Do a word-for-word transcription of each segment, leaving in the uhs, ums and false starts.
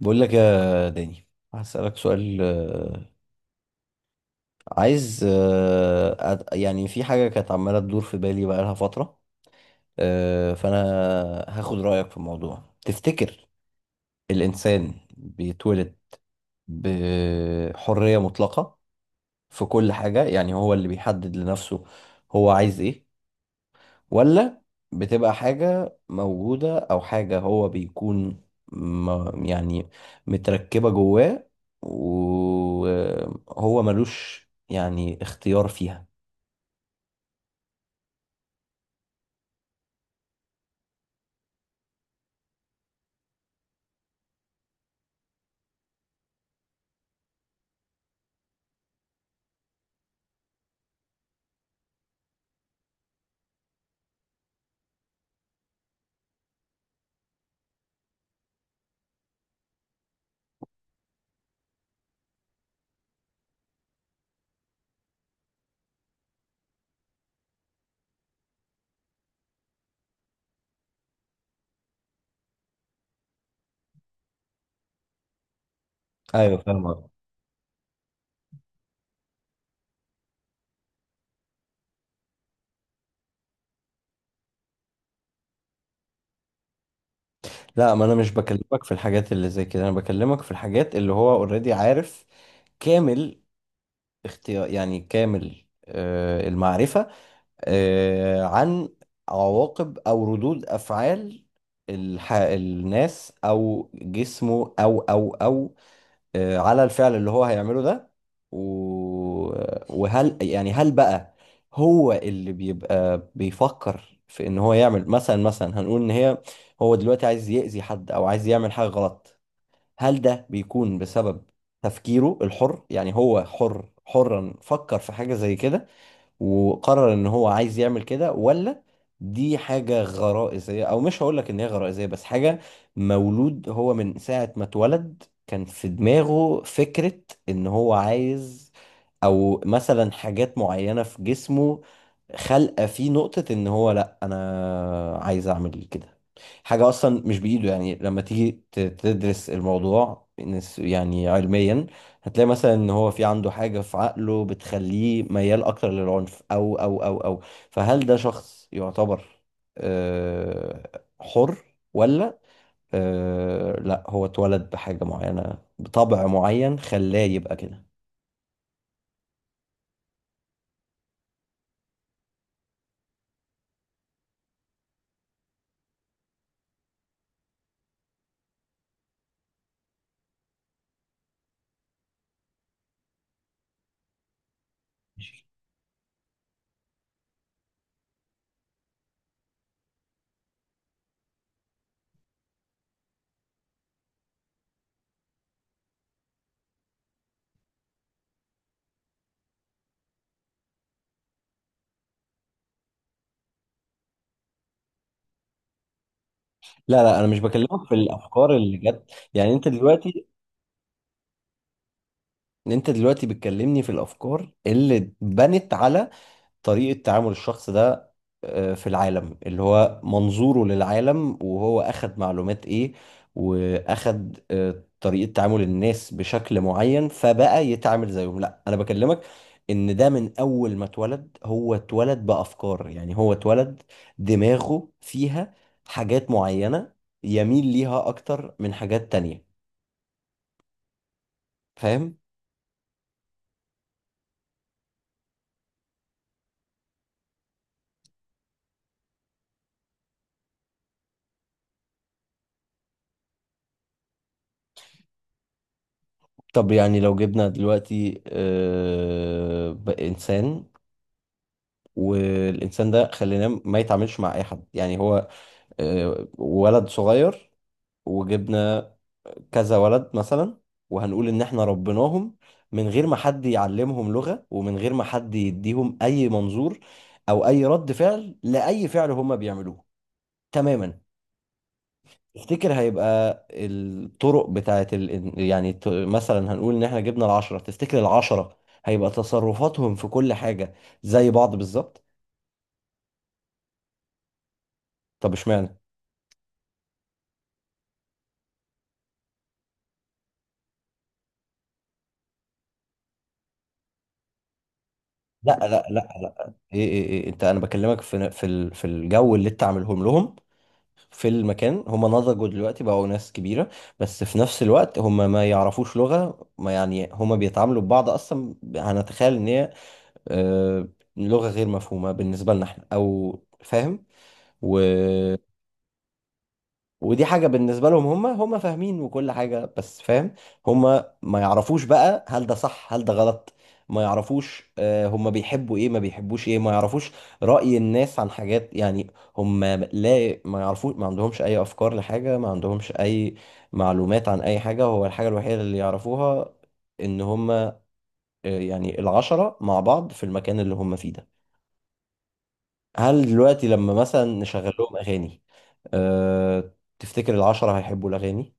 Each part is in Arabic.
بقول لك يا داني، هسألك سؤال. آه، عايز آه، أد- يعني في حاجة كانت عمالة تدور في بالي بقالها فترة. آه، فأنا هاخد رأيك في الموضوع. تفتكر الإنسان بيتولد بحرية مطلقة في كل حاجة؟ يعني هو اللي بيحدد لنفسه هو عايز إيه، ولا بتبقى حاجة موجودة أو حاجة هو بيكون م- يعني متركبة جواه وهو ملوش يعني اختيار فيها؟ ايوه، فاهم قصدك. لا، ما انا مش بكلمك في الحاجات اللي زي كده، انا بكلمك في الحاجات اللي هو اوريدي عارف كامل، اختيار يعني كامل. آه، المعرفة آه، عن عواقب أو ردود أفعال الح... الناس أو جسمه أو أو أو آه، على الفعل اللي هو هيعمله ده. و... وهل يعني، هل بقى هو اللي بيبقى بيفكر في إن هو يعمل، مثلا مثلا هنقول إن هي، هو دلوقتي عايز يأذي حد أو عايز يعمل حاجة غلط، هل ده بيكون بسبب تفكيره الحر؟ يعني هو حر، حرا فكر في حاجة زي كده وقرر ان هو عايز يعمل كده، ولا دي حاجة غرائزية، او مش هقول لك ان هي غرائزية بس حاجة مولود هو من ساعة ما اتولد كان في دماغه فكرة ان هو عايز، او مثلا حاجات معينة في جسمه خلقة فيه نقطة ان هو، لا انا عايز اعمل كده، حاجة اصلا مش بايده. يعني لما تيجي ت- تدرس الموضوع نس- يعني علميا، هتلاقي مثلا ان هو في عنده حاجة في عقله بتخليه ميال اكتر للعنف او او او او. فهل ده شخص يعتبر آه، حر، ولا آه، لا، هو اتولد بحاجة معينة بطبع معين خلاه يبقى كده؟ لا لا، انا مش بكلمك في الافكار اللي جت، يعني انت دلوقتي انت دلوقتي بتكلمني في الافكار اللي بنت على طريقة تعامل الشخص ده آه، في العالم، اللي هو منظوره للعالم وهو أخد معلومات إيه وأخد آه، طريقة تعامل الناس بشكل معين فبقى يتعامل زيهم. لا، أنا بكلمك إن ده من أول ما اتولد، هو اتولد بأفكار، يعني هو اتولد دماغه فيها حاجات معينة يميل ليها أكتر من حاجات تانية. فاهم؟ طب يعني لو جبنا دلوقتي آه، بقى إنسان، والانسان ده خليناه ما يتعاملش مع اي حد، يعني هو آه، ولد صغير، وجبنا كذا ولد مثلا، وهنقول ان احنا ربيناهم من غير ما حد يعلمهم لغة، ومن غير ما حد يديهم اي منظور او اي رد فعل لاي فعل هم بيعملوه تماما. تفتكر هيبقى الطرق بتاعت ال... يعني، ت- مثلا هنقول ان احنا جبنا العشرة، تفتكر العشرة هيبقى تصرفاتهم في كل حاجة زي بعض بالظبط؟ طب اشمعنى؟ لا لا لا لا، ايه ايه ايه انت، انا بكلمك في في ال- في الجو اللي انت عاملهم لهم في المكان. هم نضجوا دلوقتي، بقوا ناس كبيرة، بس في نفس الوقت هم ما يعرفوش لغة ما، يعني هم بيتعاملوا ببعض اصلا هنتخيل ان هي آه، لغة غير مفهومة بالنسبة لنا احنا، او فاهم، ودي حاجة بالنسبة لهم هم هم فاهمين وكل حاجة. بس فاهم، هم ما يعرفوش بقى هل ده صح هل ده غلط، ما يعرفوش آه، هم بيحبوا ايه ما بيحبوش ايه، ما يعرفوش رأي الناس عن حاجات. يعني هم لا، ما يعرفوش، ما عندهمش اي افكار لحاجة، ما عندهمش اي معلومات عن اي حاجة. هو الحاجة الوحيدة اللي يعرفوها ان هم آه، يعني العشرة مع بعض في المكان اللي هم فيه ده. هل دلوقتي لما مثلا نشغل لهم اغاني، أه، تفتكر العشرة هيحبوا الاغاني؟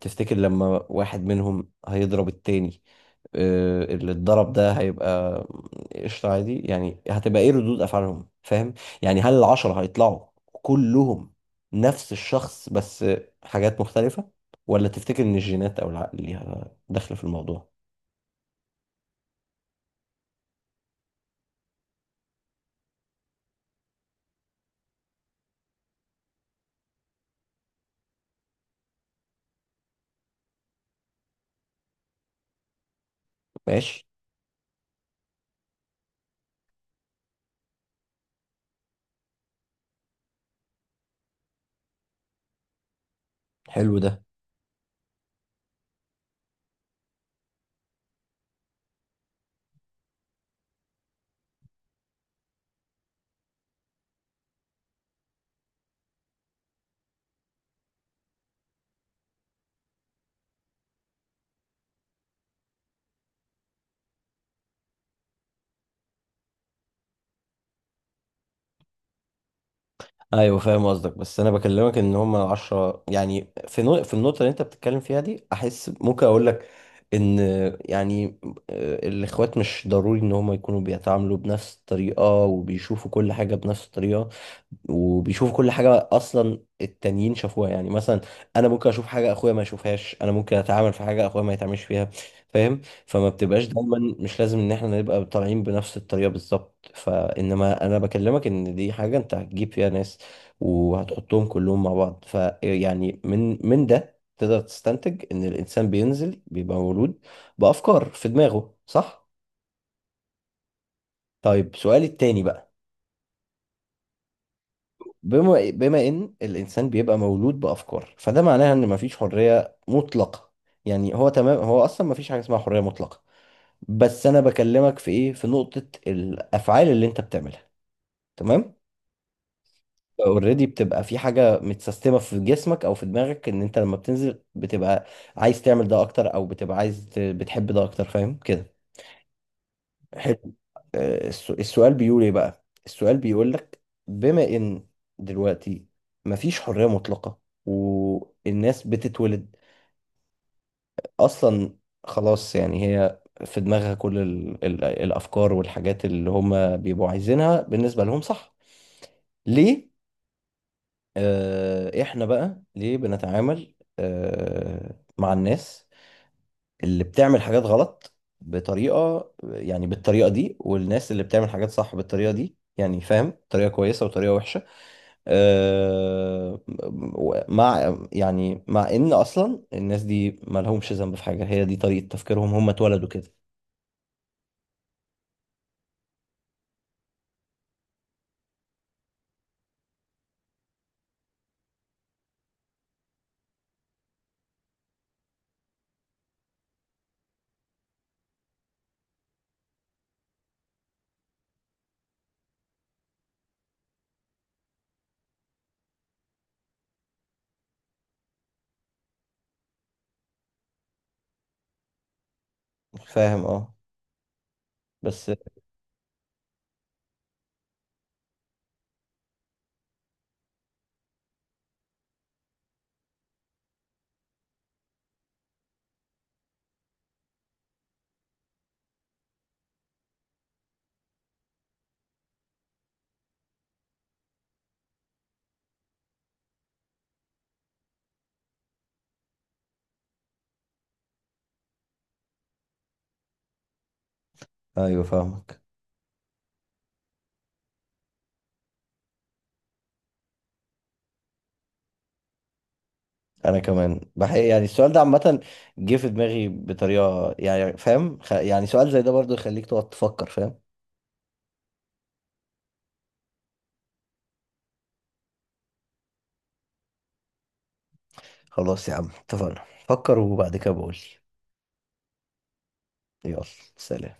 تفتكر لما واحد منهم هيضرب التاني، آه، اللي اتضرب ده هيبقى قشطة عادي؟ يعني هتبقى ايه ردود افعالهم فاهم؟ يعني هل العشرة هيطلعوا كلهم نفس الشخص، بس حاجات مختلفة، ولا تفتكر ان الجينات او العقل ليها دخل في الموضوع؟ ماشي. حلو ده. ايوه فاهم قصدك، بس انا بكلمك ان هم العشرة، يعني في نو... في النقطه اللي انت بتتكلم فيها دي احس ممكن اقول لك ان يعني آه، الاخوات مش ضروري ان هم يكونوا بيتعاملوا بنفس الطريقه وبيشوفوا كل حاجه بنفس الطريقه وبيشوفوا كل حاجه اصلا التانيين شافوها. يعني مثلا انا ممكن اشوف حاجه اخويا ما يشوفهاش، انا ممكن اتعامل في حاجه اخويا ما يتعاملش فيها. فاهم؟ فما بتبقاش دايما، مش لازم ان احنا نبقى طالعين بنفس الطريقه بالظبط. فانما انا بكلمك ان دي حاجه انت هتجيب فيها ناس وهتحطهم كلهم مع بعض، فيعني من من ده تقدر تستنتج ان الانسان بينزل بيبقى مولود بافكار في دماغه، صح؟ طيب سؤالي التاني بقى، بما بما ان الانسان بيبقى مولود بافكار، فده معناها ان مفيش حريه مطلقه. يعني هو تمام، هو اصلا مفيش حاجه اسمها حريه مطلقه. بس انا بكلمك في ايه، في نقطه الافعال اللي انت بتعملها. تمام؟ اوريدي بتبقى في حاجة متسيستمة في جسمك او في دماغك ان انت لما بتنزل بتبقى عايز تعمل ده اكتر، او بتبقى عايز ت- بتحب ده اكتر. فاهم كده؟ حلو. آه، السو- السؤال بيقول ايه بقى، السؤال بيقول لك، بما ان دلوقتي مفيش حرية مطلقة، والناس بتتولد اصلا خلاص، يعني هي في دماغها كل ال ال الافكار والحاجات اللي هم بيبقوا عايزينها بالنسبة لهم، صح؟ ليه آه، احنا بقى ليه بنتعامل آه، مع الناس اللي بتعمل حاجات غلط بطريقة، يعني بالطريقة دي، والناس اللي بتعمل حاجات صح بالطريقة دي، يعني فاهم طريقة كويسة وطريقة وحشة، آه، مع يعني مع ان اصلا الناس دي ما لهمش ذنب في حاجة، هي دي طريقة تفكيرهم، هم اتولدوا كده. فاهم؟ اه. بس، ايوه فاهمك. انا كمان بحقيقة يعني السؤال ده عامة جه في دماغي بطريقة يعني فاهم، خ... يعني سؤال زي ده برضو يخليك تقعد تفكر، فاهم. خلاص يا عم، اتفقنا، فكر وبعد كده بقول لي. يلا، سلام.